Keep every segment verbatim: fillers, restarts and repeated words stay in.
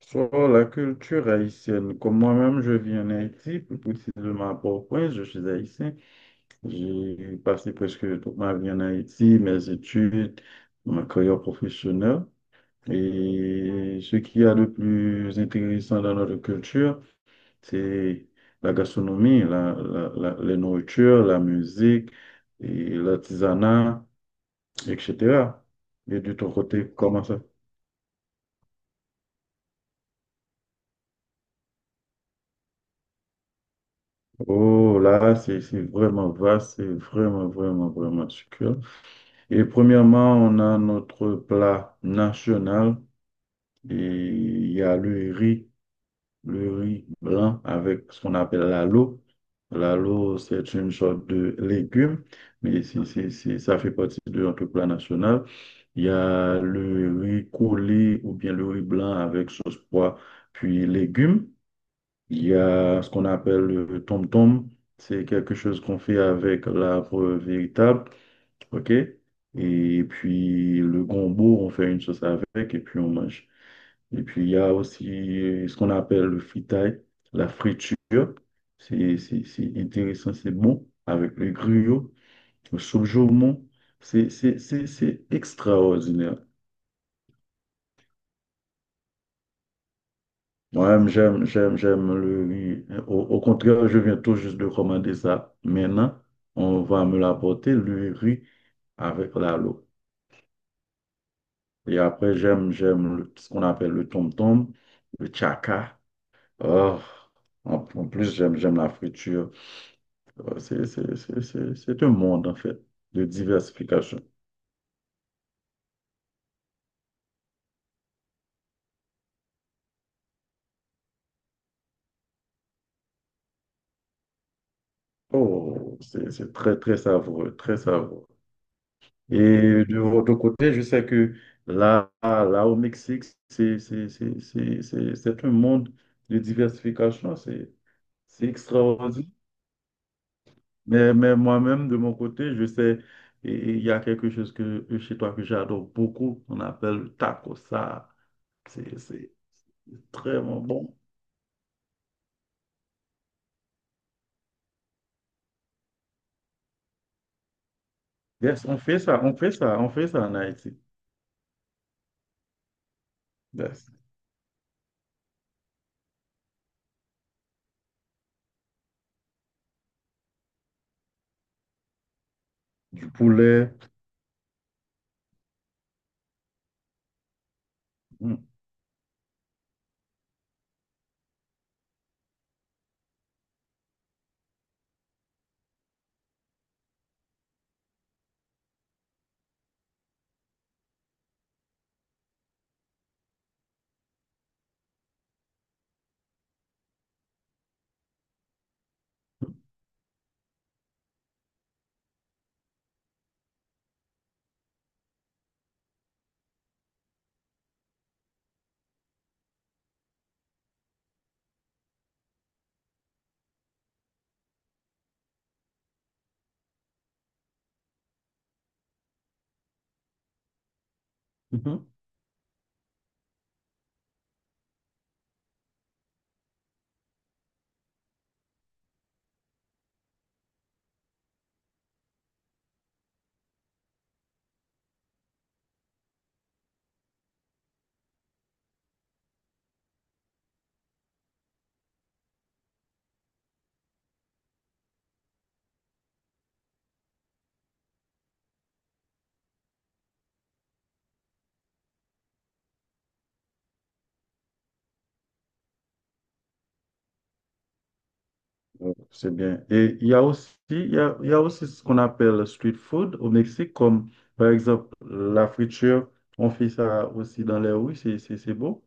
Sur la culture haïtienne, comme moi-même, je vis en Haïti, plus précisément à Port-au-Prince, je suis haïtien. J'ai passé presque toute ma vie en Haïti, mes études, ma carrière professionnelle. Et ce qu'il y a de plus intéressant dans notre culture, c'est la gastronomie, la, la, la- les nourritures, la musique, et l'artisanat, et cetera. Et de ton côté, comment ça? Oh, là, c'est c'est vraiment vaste, c'est vraiment, vraiment, vraiment succulent. Et premièrement, on a notre plat national et il y a le riz, le riz blanc avec ce qu'on appelle l'alo. L'alo, c'est une sorte de légume, mais c'est, c'est, c'est- ça fait partie de notre plat national. Il y a le riz collé ou bien le riz blanc avec sauce pois, puis légumes. Il y a ce qu'on appelle le tom-tom. C'est quelque chose qu'on fait avec l'arbre véritable. OK? Et puis le gombo, on fait une sauce avec et puis on mange. Et puis il y a aussi ce qu'on appelle le fritaille, la friture. C'est c'est- c'est intéressant, c'est bon. Avec le gruyot, le soupe jaumon. C'est c'est- c'est- c'est extraordinaire. Moi, j'aime, j'aime, j'aime le riz. Au, au contraire, je viens tout juste de commander ça. Maintenant, on va me l'apporter, le riz avec la l'eau. Et après, j'aime, j'aime le- ce qu'on appelle le tom-tom, le chaka. Oh, en, en plus, j'aime, j'aime la friture. Oh, C'est, c'est, c'est, c'est, c'est un monde, en fait, de diversification. Oh, c'est, c'est très, très savoureux, très savoureux. Et de votre côté, je sais que là, là au Mexique, c'est c'est- c'est- c'est- c'est- c'est un monde de diversification, c'est c'est extraordinaire. Mais, mais moi-même, de mon côté, je sais, et- et il y a quelque chose que, chez toi que j'adore beaucoup, on appelle le taco, ça, c'est c'est très bon. Yes, on fait ça, on fait ça, on fait ça en Haïti. Yes. Du poulet. Mm. Ouais, C'est bien. Et il y a aussi, il y a, il y a aussi ce qu'on appelle le street food au Mexique, comme par exemple la friture. On fait ça aussi dans les rues, c'est c'est- c'est beau.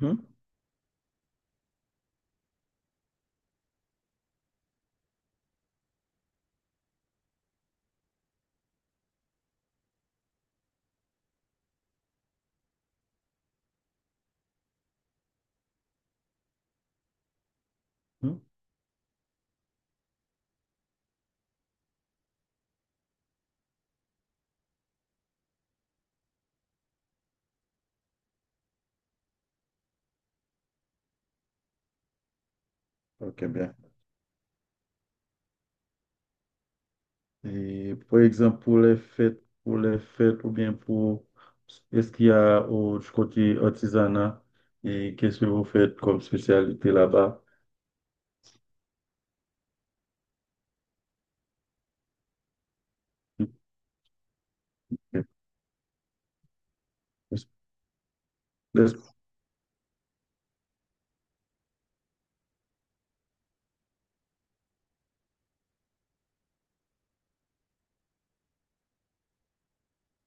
Hum, hum. Ok, bien. Et par exemple, pour les fêtes, pour les fêtes ou bien pour... Est-ce qu'il y a au, du côté artisanat et qu'est-ce que vous faites comme spécialité là-bas? Est-ce- est-ce-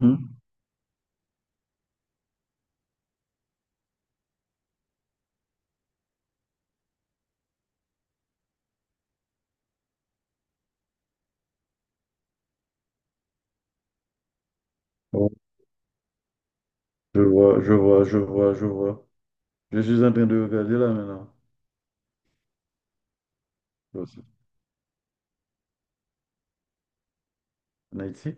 hum? Oh, je vois, je vois, je vois, je vois. Je suis en train de regarder là maintenant. En Haïti.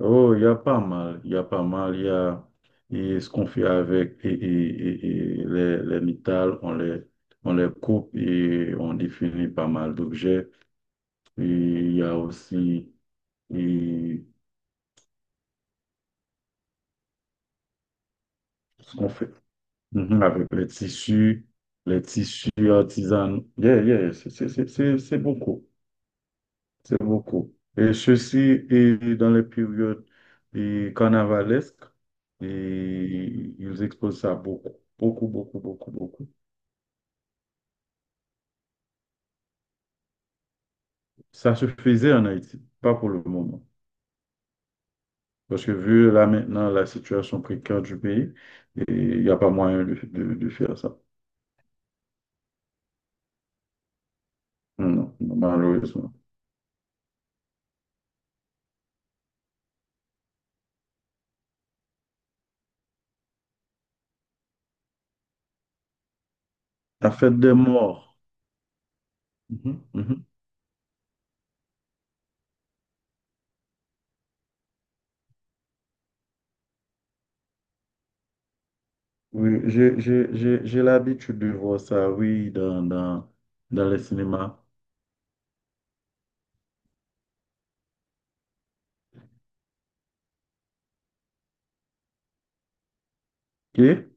Oh, il y a pas mal, il y a pas mal, il y a et ce qu'on fait avec et, et- et- et les, les métals, on les, on les coupe et on définit pas mal d'objets. Et il y a aussi et ce qu'on fait. Mhm, avec les tissus, les tissus artisanaux. Yeah, yeah, c'est c'est- c'est- c'est- c'est beaucoup, c'est beaucoup. Et ceci est dans les périodes et carnavalesques et ils exposent ça beaucoup, beaucoup, beaucoup, beaucoup, beaucoup. Ça se faisait en Haïti, pas pour le moment. Parce que vu là maintenant la situation précaire du pays, et il n'y a pas moyen de, de- de faire ça. Non, non, malheureusement. La fête des morts. Mhm, mhm. Oui, j'ai j'ai- j'ai- j'ai l'habitude de voir ça, oui, dans, dans, dans les cinémas. OK?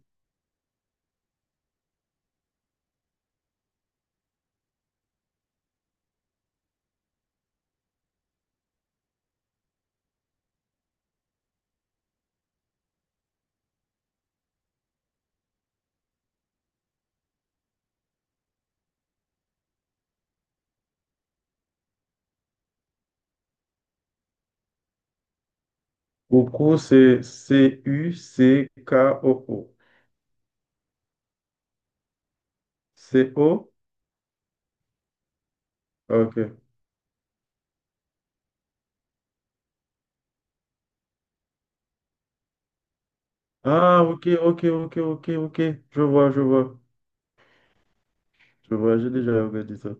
Coco, c'est C-U-C-K-O-O. C-O? OK. Ah, OK, OK, OK, OK, OK. Je vois, je vois. Je vois, j'ai déjà regardé ça.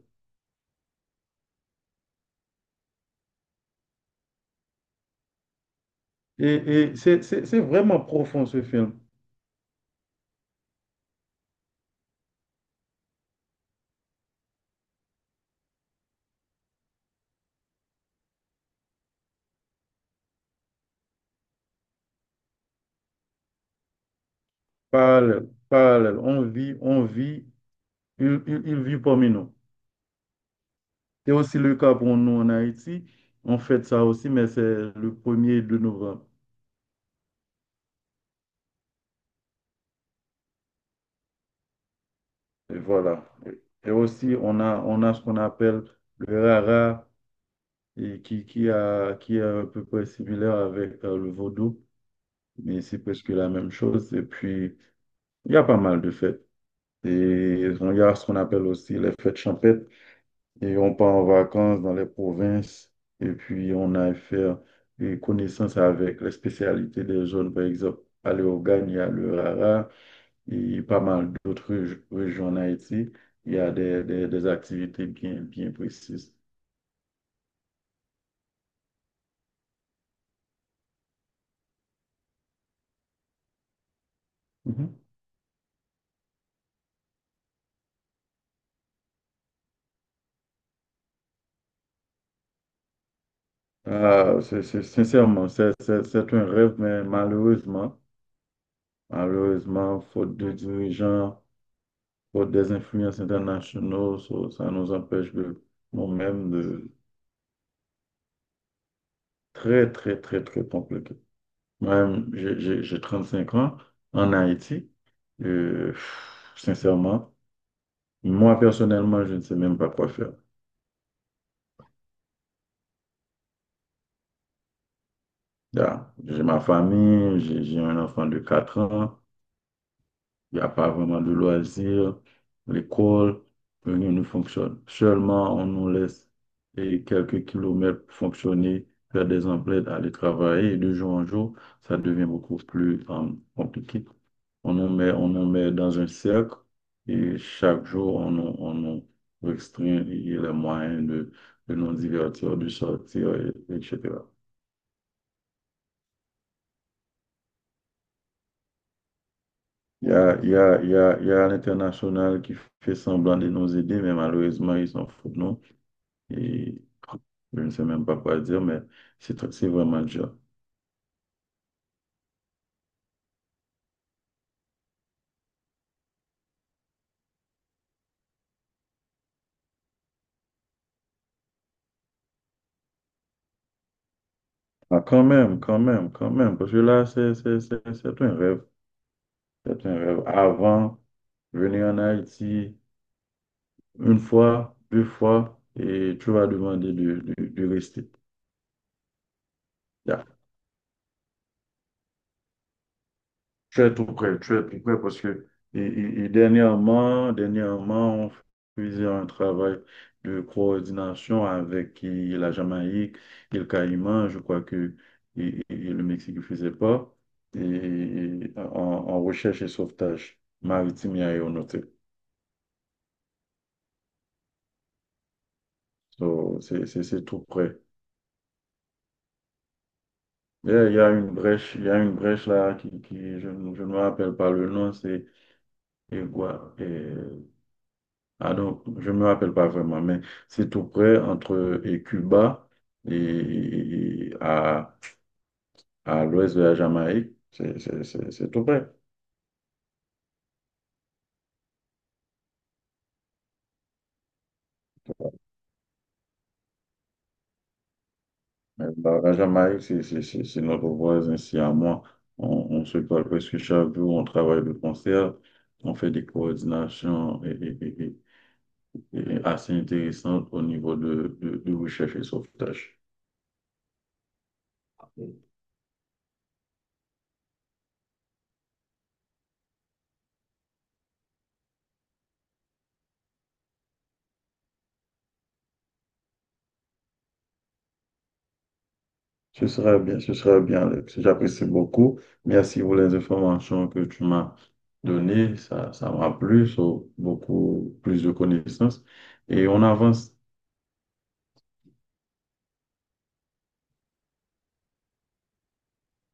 Et, et c'est c'est- c'est vraiment profond ce film. Parallèle, parallèle. On vit, on vit, il, il, il vit parmi nous. C'est aussi le cas pour nous en Haïti. On fête ça aussi, mais c'est le premier er de novembre. Et voilà. Et aussi, on a, on a ce qu'on appelle le rara, et qui, qui, a, qui est à peu près similaire avec euh, le vaudou, mais c'est presque la même chose. Et puis, il y a pas mal de fêtes. Et il y a ce qu'on appelle aussi les fêtes champêtres. Et on part en vacances dans les provinces et puis on a affaire et connaissance avec les spécialités des zones, par exemple, à l'Eogane, il y a le Rara et pas mal d'autres régi- régions en Haïti. Il y a des, des, des activités bien, bien précises. Mhm. Ah, c'est, c'est- sincèrement, c'est c'est- c'est un rêve, mais malheureusement, malheureusement, faute de dirigeants, faute des influences internationaux, ça ça nous empêche de nous-mêmes de très, très, très, très compliqué. Moi, j'ai j'ai- j'ai trente-cinq ans en Haïti. Euh, pff, sincèrement, moi personnellement, je ne sais même pas quoi faire. Là, j'ai ma famille, j'ai j'ai un enfant de quatre ans, il n'y a pas vraiment de loisirs, l'école, rien ne fonctionne. Seulement, on nous laisse et quelques kilomètres pour fonctionner, faire des emplettes, aller travailler, et de jour en jour, ça devient beaucoup plus euh, compliqué. On nous met, on nous met dans un cercle et chaque jour, on nous, on nous restreint les moyens de, de nous divertir, de sortir, et- etc. Il y a, il y a, il y a, il y a l'international qui fait semblant de nous aider, mais malheureusement, ils s'en foutent de nous. Et je ne sais même pas quoi dire, mais c'est tr- c'est vraiment dur. Ah, quand même, quand même, quand même, parce que là, c'est c'est- c'est- c'est un rêve. C'est un rêve. Avant, venir en Haïti, une fois, deux fois, et tu vas demander de, de- de rester. Yeah. Tu es tout prêt, tu es tout prêt parce que et, et- et dernièrement, dernièrement, on faisait un travail de coordination avec et, la Jamaïque et le Caïman, je crois que et, et- et le Mexique ne faisait pas, et, et en, en recherche et sauvetage maritime et aéronautique. So, c'est c'est- c'est tout prêt. Il y a il y a une brèche, il y a une brèche là qui, qui- je, ne je ne me rappelle pas le nom, c'est... Et Gua- et- ah non, je ne me rappelle pas vraiment, mais c'est tout près entre et Cuba et, et- et à, à l'ouest de la Jamaïque. C'est c'est- c'est- c'est tout près. Mais La, la Jamaïque, c'est c'est- c'est- c'est notre voisin ici à moi. On, on se parle presque chaque jour, on travaille de concert, on fait des coordinations et, et- et- et- et assez intéressantes au niveau de, de, de recherche et sauvetage. Ce serait bien, ce serait bien, Alex. J'apprécie beaucoup. Merci pour les informations que tu m'as données. Ça, ça m'a plu, so, beaucoup plus de connaissances. Et on avance.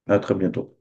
À très bientôt.